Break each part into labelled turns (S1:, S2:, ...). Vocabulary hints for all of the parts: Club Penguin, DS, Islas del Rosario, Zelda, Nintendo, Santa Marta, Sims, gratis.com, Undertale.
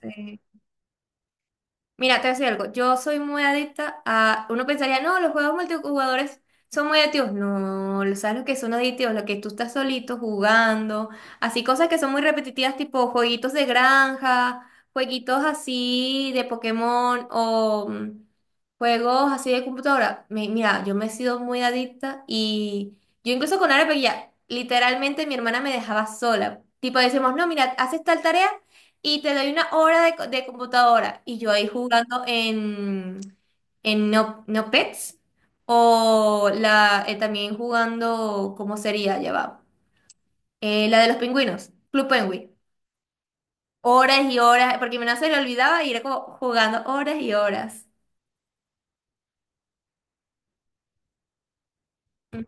S1: Sí. Mira, te voy a decir algo. Yo soy muy adicta a... Uno pensaría, no, los juegos multijugadores son muy adictivos. No, ¿sabes lo que son adictivos? Lo que tú estás solito jugando. Así cosas que son muy repetitivas, tipo jueguitos de granja, jueguitos así de Pokémon o juegos así de computadora. Mira, yo me he sido muy adicta y yo incluso con Arepe ya, literalmente mi hermana me dejaba sola. Tipo, decimos, no, mira, haces tal tarea y te doy una hora de, de computadora y yo ahí jugando en No, No Pets o la, también jugando, ¿cómo sería? Ya va. La de los pingüinos, Club Penguin. Horas y horas, porque mi no se le olvidaba y era como jugando horas y horas. Mm.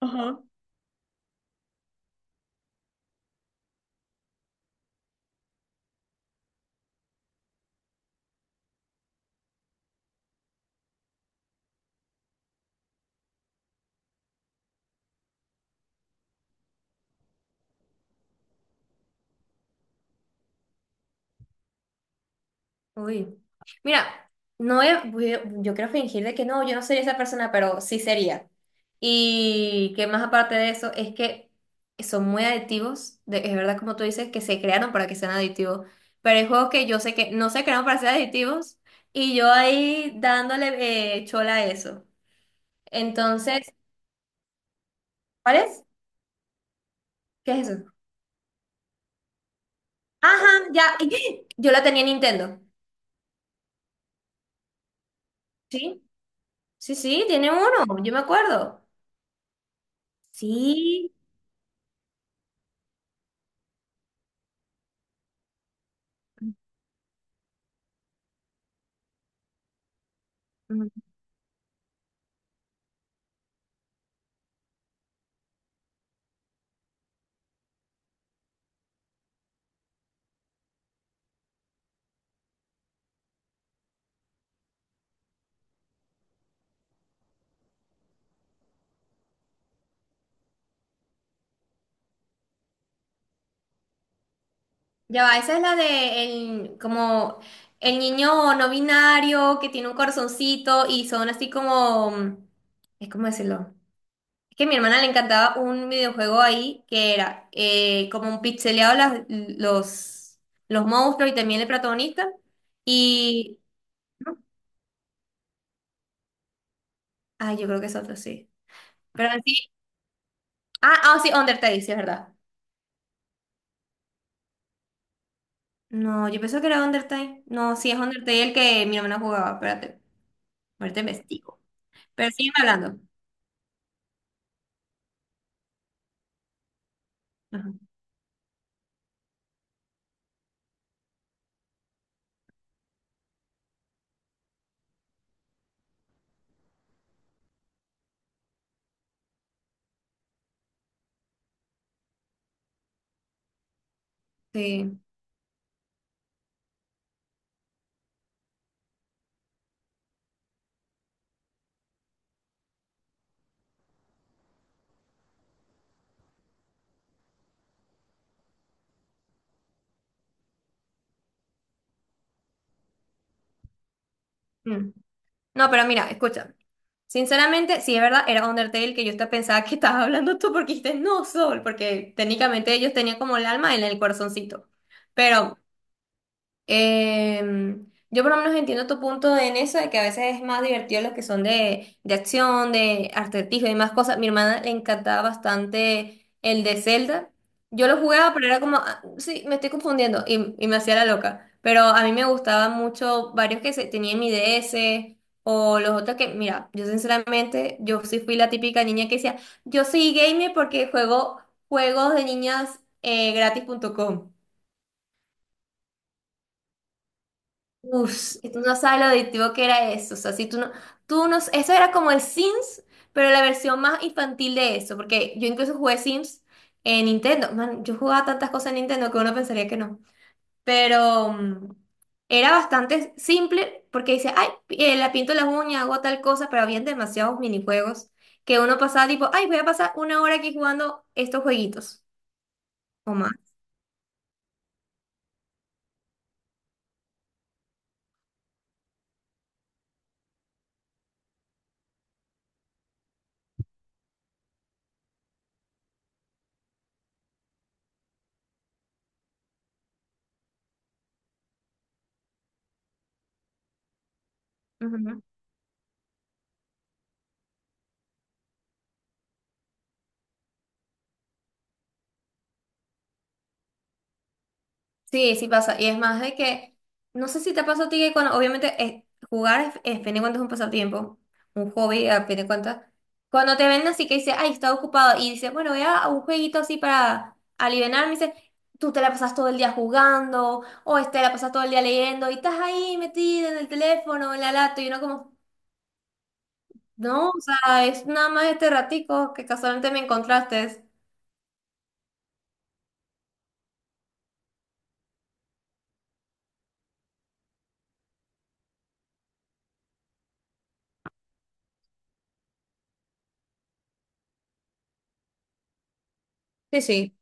S1: Ajá. Uy. Mira, no he- voy a- yo quiero fingir de que no, yo no sería esa persona, pero sí sería. Y que más aparte de eso, es que son muy adictivos, es verdad como tú dices, que se crearon para que sean adictivos, pero hay juegos que yo sé que no se crearon para ser adictivos y yo ahí dándole chola a eso. Entonces, ¿cuál es? ¿Qué es eso? Ajá, ya, yo la tenía en Nintendo. Sí, sí, sí, tiene uno, yo me acuerdo. Sí. Ya va, esa es la de el, como el niño no binario que tiene un corazoncito y son así como, mm, es como decirlo. Es que a mi hermana le encantaba un videojuego ahí que era como un pixeleado los monstruos y también el protagonista. Y, ¿no? Ay, yo creo que es otro, sí. Pero sí, sí, Undertale, sí, es verdad. No, yo pensé que era Undertale. No, sí, es Undertale el que mi hermana jugaba, espérate, ahorita investigo. Pero siguen hablando. Ajá. Sí. Mm. No, pero mira, escucha. Sinceramente, sí es verdad, era Undertale que yo hasta pensaba que estabas hablando tú porque dijiste no, Sol, porque técnicamente ellos tenían como el alma en el corazoncito. Pero yo por lo menos entiendo tu en eso, de que a veces es más divertido los que son de acción, de acertijo y más cosas. Mi hermana le encantaba bastante el de Zelda. Yo lo jugaba, pero era como, "Ah, sí, me estoy confundiendo y me hacía la loca". Pero a mí me gustaban mucho varios que se, tenía en mi DS o los otros que, mira, yo sinceramente, yo sí fui la típica niña que decía, yo soy gamer porque juego juegos de niñas gratis.com. Uf, y tú no sabes lo adictivo que era eso. O sea, si tú no, tú no, eso era como el Sims, pero la versión más infantil de eso, porque yo incluso jugué Sims en Nintendo. Man, yo jugaba tantas cosas en Nintendo que uno pensaría que no. Pero era bastante simple porque dice, ay, la pinto las uñas, hago tal cosa, pero habían demasiados minijuegos que uno pasaba tipo, ay, voy a pasar una hora aquí jugando estos jueguitos o más. Sí, sí pasa. Y es más de que, no sé si te pasa a ti que cuando, obviamente, jugar fin de cuentas, un pasatiempo, un hobby, a fin de cuentas. Cuando te ven así que dice, ay, está ocupado, y dice, bueno, voy a un jueguito así para alivianarme, dice, tú te la pasas todo el día jugando, o este, la pasas todo el día leyendo, y estás ahí metida en el teléfono, en la lata, y uno como, no, o sea, es nada más este ratico que casualmente me encontraste. Sí, sí.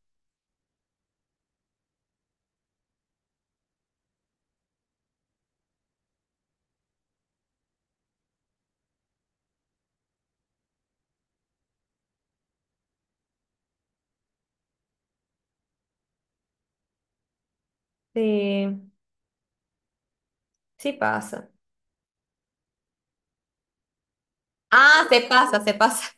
S1: Sí, sí pasa. Ah, se pasa, se pasa.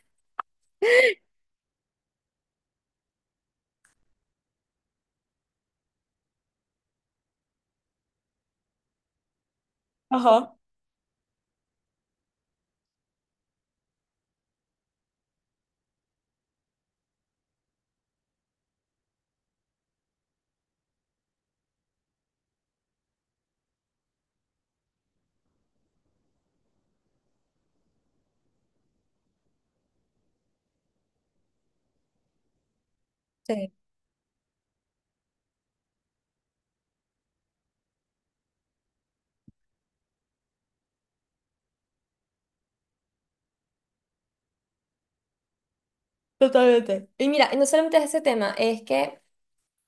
S1: Ajá. Totalmente. Y mira, no solamente es ese tema, es que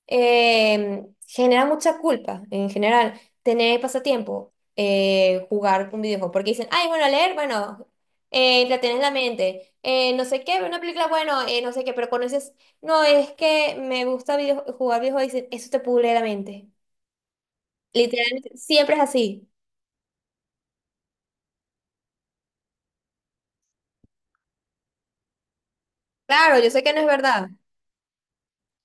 S1: genera mucha culpa en general tener pasatiempo, jugar un videojuego, porque dicen, ay, bueno, leer, bueno, entretienes la mente, no sé qué, ver una película, bueno, no sé qué, pero conoces, no, es que me gusta jugar videojuegos, dicen, eso te pudre la mente. Literalmente, siempre es así. Claro, yo sé que no es verdad.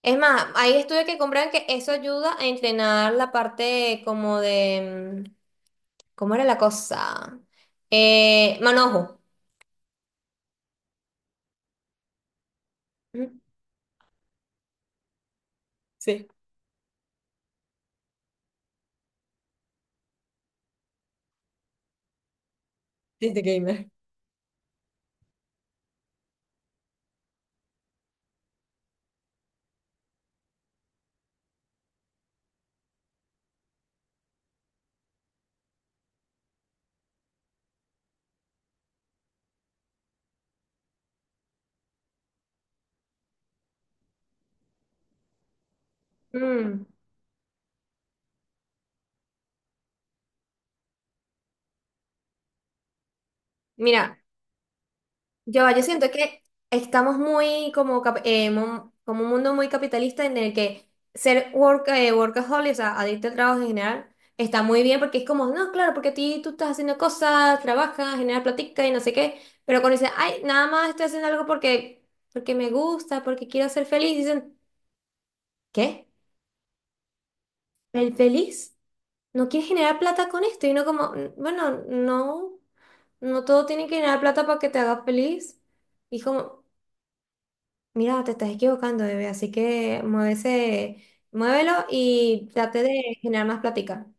S1: Es más, hay estudios que comprueban que eso ayuda a entrenar la parte como de... mm, ¿cómo era la cosa? Manojo. Mm. Sí. Disney Gamer. Mm. Mira, yo siento que estamos muy como, como un mundo muy capitalista en el que ser work, workaholic, o sea, adicto al trabajo en general, está muy bien porque es como, no, claro, porque a ti tú estás haciendo cosas, trabajas, generas platica y no sé qué, pero cuando dicen, ay, nada más estoy haciendo algo porque me gusta, porque quiero ser feliz, dicen, ¿qué? ¿El feliz? No quieres generar plata con esto y no como, "N- bueno, no, no todo tiene que generar plata para que te haga feliz". Y como, mira, te estás equivocando, bebé, así que muévese, muévelo y trate de generar más plática.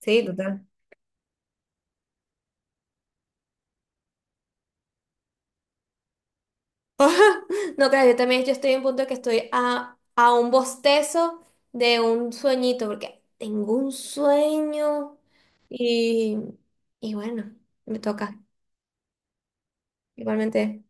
S1: Sí, total. No, claro, yo también yo estoy en un punto que estoy a un bostezo de un sueñito, porque tengo un sueño y, y bueno, me toca igualmente.